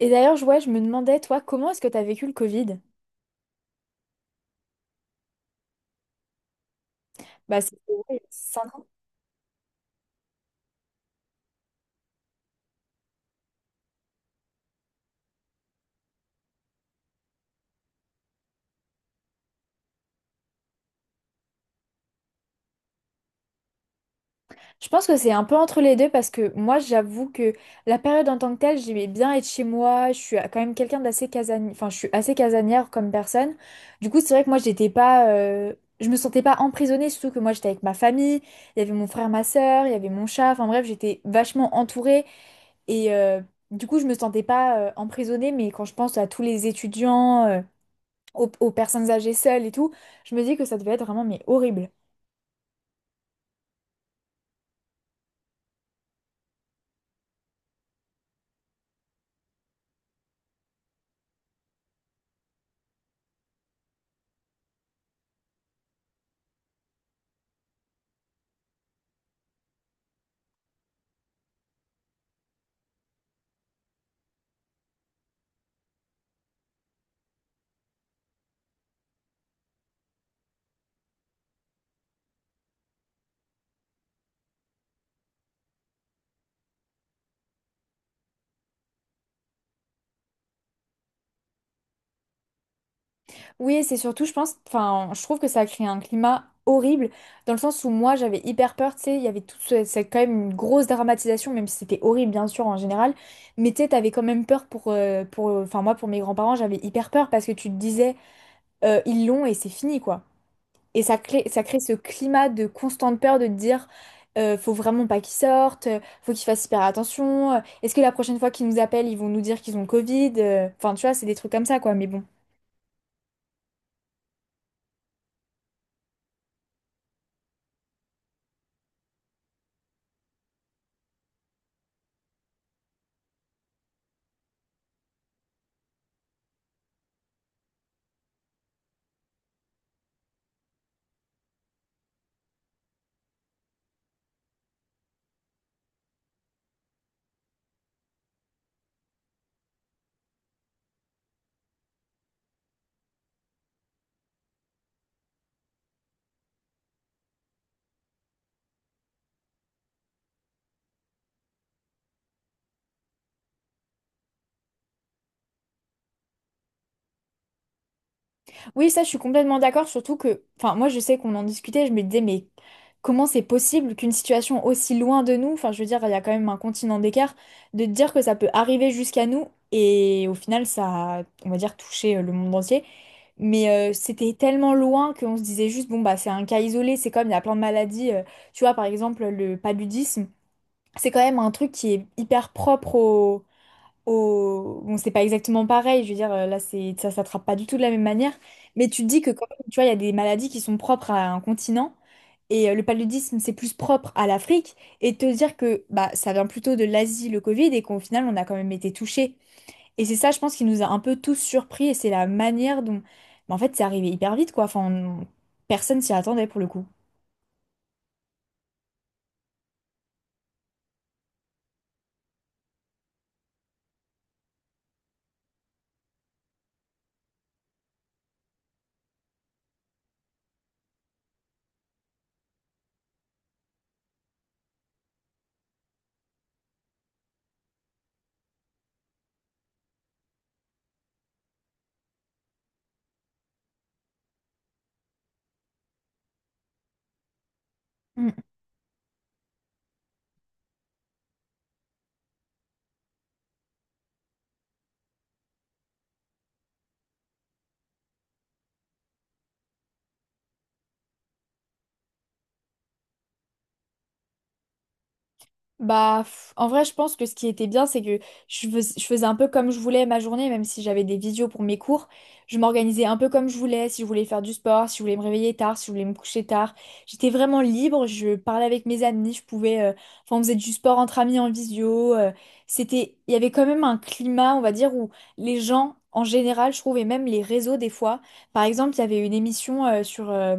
Et d'ailleurs, ouais, je me demandais, toi, comment est-ce que tu as vécu le Covid? Bah, c'était ouais, il y a 5 ans. Je pense que c'est un peu entre les deux parce que moi, j'avoue que la période en tant que telle, j'aimais bien être chez moi. Je suis quand même quelqu'un d'assez casanier, enfin, je suis assez casanière comme personne. Du coup, c'est vrai que moi, j'étais pas, je me sentais pas emprisonnée, surtout que moi, j'étais avec ma famille. Il y avait mon frère, ma sœur, il y avait mon chat. Enfin bref, j'étais vachement entourée et du coup, je me sentais pas emprisonnée. Mais quand je pense à tous les étudiants, aux personnes âgées seules et tout, je me dis que ça devait être vraiment mais horrible. Oui, et c'est surtout, je pense, enfin, je trouve que ça a créé un climat horrible dans le sens où moi j'avais hyper peur, tu sais, il y avait toute cette quand même une grosse dramatisation, même si c'était horrible bien sûr en général, mais tu sais, t'avais quand même peur pour, enfin moi pour mes grands-parents, j'avais hyper peur parce que tu te disais ils l'ont et c'est fini quoi. Et ça crée ce climat de constante peur de te dire, faut vraiment pas qu'ils sortent, faut qu'ils fassent hyper attention. Est-ce que la prochaine fois qu'ils nous appellent, ils vont nous dire qu'ils ont le Covid? Enfin, tu vois, c'est des trucs comme ça, quoi. Mais bon. Oui, ça, je suis complètement d'accord, surtout que, enfin, moi, je sais qu'on en discutait, je me disais, mais comment c'est possible qu'une situation aussi loin de nous, enfin, je veux dire, il y a quand même un continent d'écart, de te dire que ça peut arriver jusqu'à nous et au final, ça a, on va dire, touché le monde entier. Mais c'était tellement loin qu'on se disait juste, bon, bah, c'est un cas isolé, c'est comme il y a plein de maladies. Tu vois, par exemple, le paludisme, c'est quand même un truc qui est hyper propre Bon, c'est pas exactement pareil, je veux dire, là, ça s'attrape pas du tout de la même manière. Mais tu te dis que, quand même, tu vois, il y a des maladies qui sont propres à un continent. Et le paludisme, c'est plus propre à l'Afrique. Et te dire que bah, ça vient plutôt de l'Asie, le Covid, et qu'au final, on a quand même été touchés et c'est ça, je pense, qui nous a un peu tous surpris et c'est la manière dont. Mais en fait, c'est arrivé hyper vite, quoi. Personne s'y attendait pour le coup. Bah, en vrai, je pense que ce qui était bien, c'est que je faisais un peu comme je voulais ma journée, même si j'avais des visios pour mes cours. Je m'organisais un peu comme je voulais, si je voulais faire du sport, si je voulais me réveiller tard, si je voulais me coucher tard. J'étais vraiment libre, je parlais avec mes amis, je pouvais... Enfin, on faisait du sport entre amis en visio. C'était... Il y avait quand même un climat, on va dire, où les gens, en général, je trouve, et même les réseaux des fois. Par exemple, il y avait une émission sur...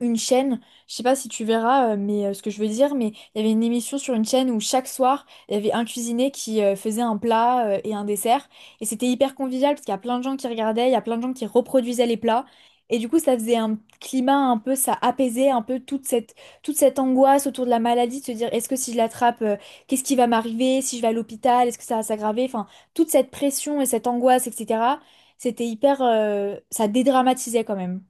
une chaîne, je sais pas si tu verras ce que je veux dire, mais il y avait une émission sur une chaîne où chaque soir, il y avait un cuisinier qui faisait un plat et un dessert et c'était hyper convivial parce qu'il y a plein de gens qui regardaient, il y a plein de gens qui reproduisaient les plats et du coup, ça faisait un climat un peu ça apaisait un peu toute cette angoisse autour de la maladie de se dire est-ce que si je l'attrape, qu'est-ce qui va m'arriver, si je vais à l'hôpital, est-ce que ça va s'aggraver, enfin toute cette pression et cette angoisse etc. C'était hyper ça dédramatisait quand même.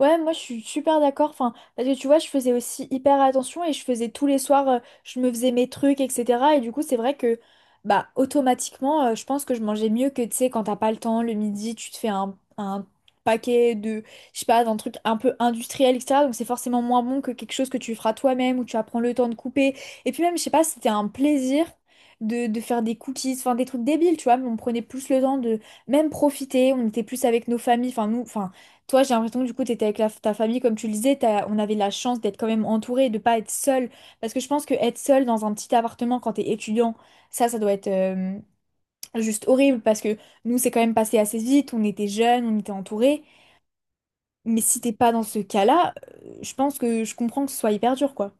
Ouais, moi je suis super d'accord. Enfin, parce que tu vois, je faisais aussi hyper attention et je faisais tous les soirs, je me faisais mes trucs, etc. Et du coup, c'est vrai que, bah, automatiquement, je pense que je mangeais mieux que, tu sais, quand t'as pas le temps, le midi, tu te fais un paquet de, je sais pas, d'un truc un peu industriel, etc. Donc c'est forcément moins bon que quelque chose que tu feras toi-même ou tu vas prendre le temps de couper. Et puis même, je sais pas, c'était un plaisir. De faire des cookies, enfin des trucs débiles, tu vois, mais on prenait plus le temps de même profiter, on était plus avec nos familles, enfin nous, enfin toi, j'ai l'impression que du coup, tu étais avec ta famille, comme tu le disais, on avait la chance d'être quand même entouré, de pas être seul. Parce que je pense que être seul dans un petit appartement quand t'es étudiant, ça doit être juste horrible. Parce que nous, c'est quand même passé assez vite, on était jeunes, on était entourés. Mais si t'es pas dans ce cas-là, je pense que je comprends que ce soit hyper dur, quoi.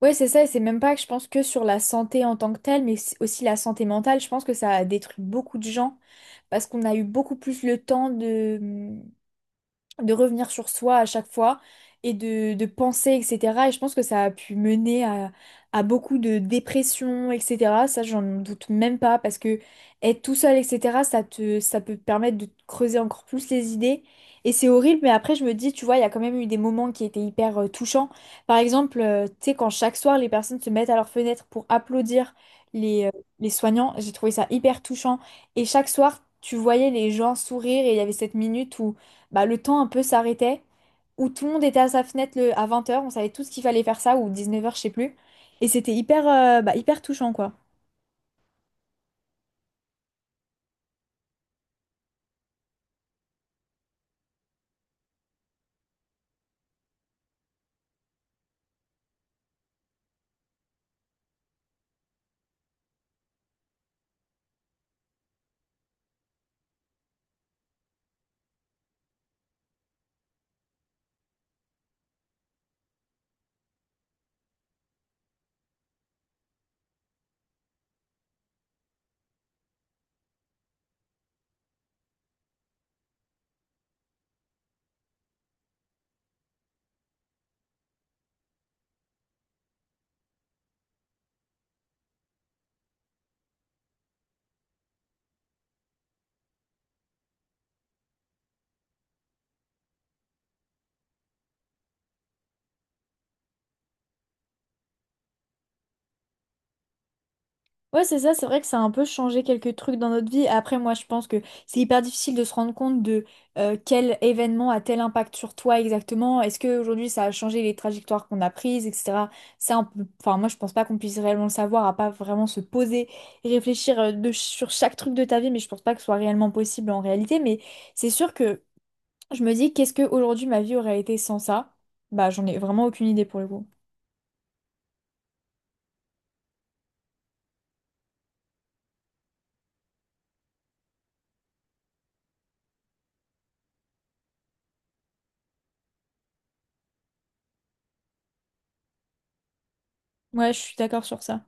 Ouais, c'est ça, et c'est même pas que je pense que sur la santé en tant que telle, mais aussi la santé mentale, je pense que ça a détruit beaucoup de gens parce qu'on a eu beaucoup plus le temps de revenir sur soi à chaque fois et de penser, etc. Et je pense que ça a pu mener à beaucoup de dépression, etc. Ça, j'en doute même pas parce que être tout seul, etc., ça peut te permettre de te creuser encore plus les idées. Et c'est horrible, mais après, je me dis, tu vois, il y a quand même eu des moments qui étaient hyper touchants. Par exemple, tu sais, quand chaque soir, les personnes se mettent à leur fenêtre pour applaudir les, euh, les soignants, j'ai trouvé ça hyper touchant. Et chaque soir, tu voyais les gens sourire et il y avait cette minute où bah, le temps un peu s'arrêtait, où tout le monde était à sa fenêtre à 20 heures on savait tous qu'il fallait faire ça, ou 19 heures je sais plus. Et c'était hyper touchant, quoi. Ouais, c'est ça, c'est vrai que ça a un peu changé quelques trucs dans notre vie. Après, moi, je pense que c'est hyper difficile de se rendre compte de quel événement a tel impact sur toi exactement. Est-ce qu'aujourd'hui, ça a changé les trajectoires qu'on a prises, etc. Ça, enfin, moi, je pense pas qu'on puisse réellement le savoir, à pas vraiment se poser et réfléchir sur chaque truc de ta vie, mais je pense pas que ce soit réellement possible en réalité. Mais c'est sûr que je me dis, qu'est-ce que aujourd'hui ma vie aurait été sans ça? Bah, j'en ai vraiment aucune idée pour le coup. Ouais, je suis d'accord sur ça.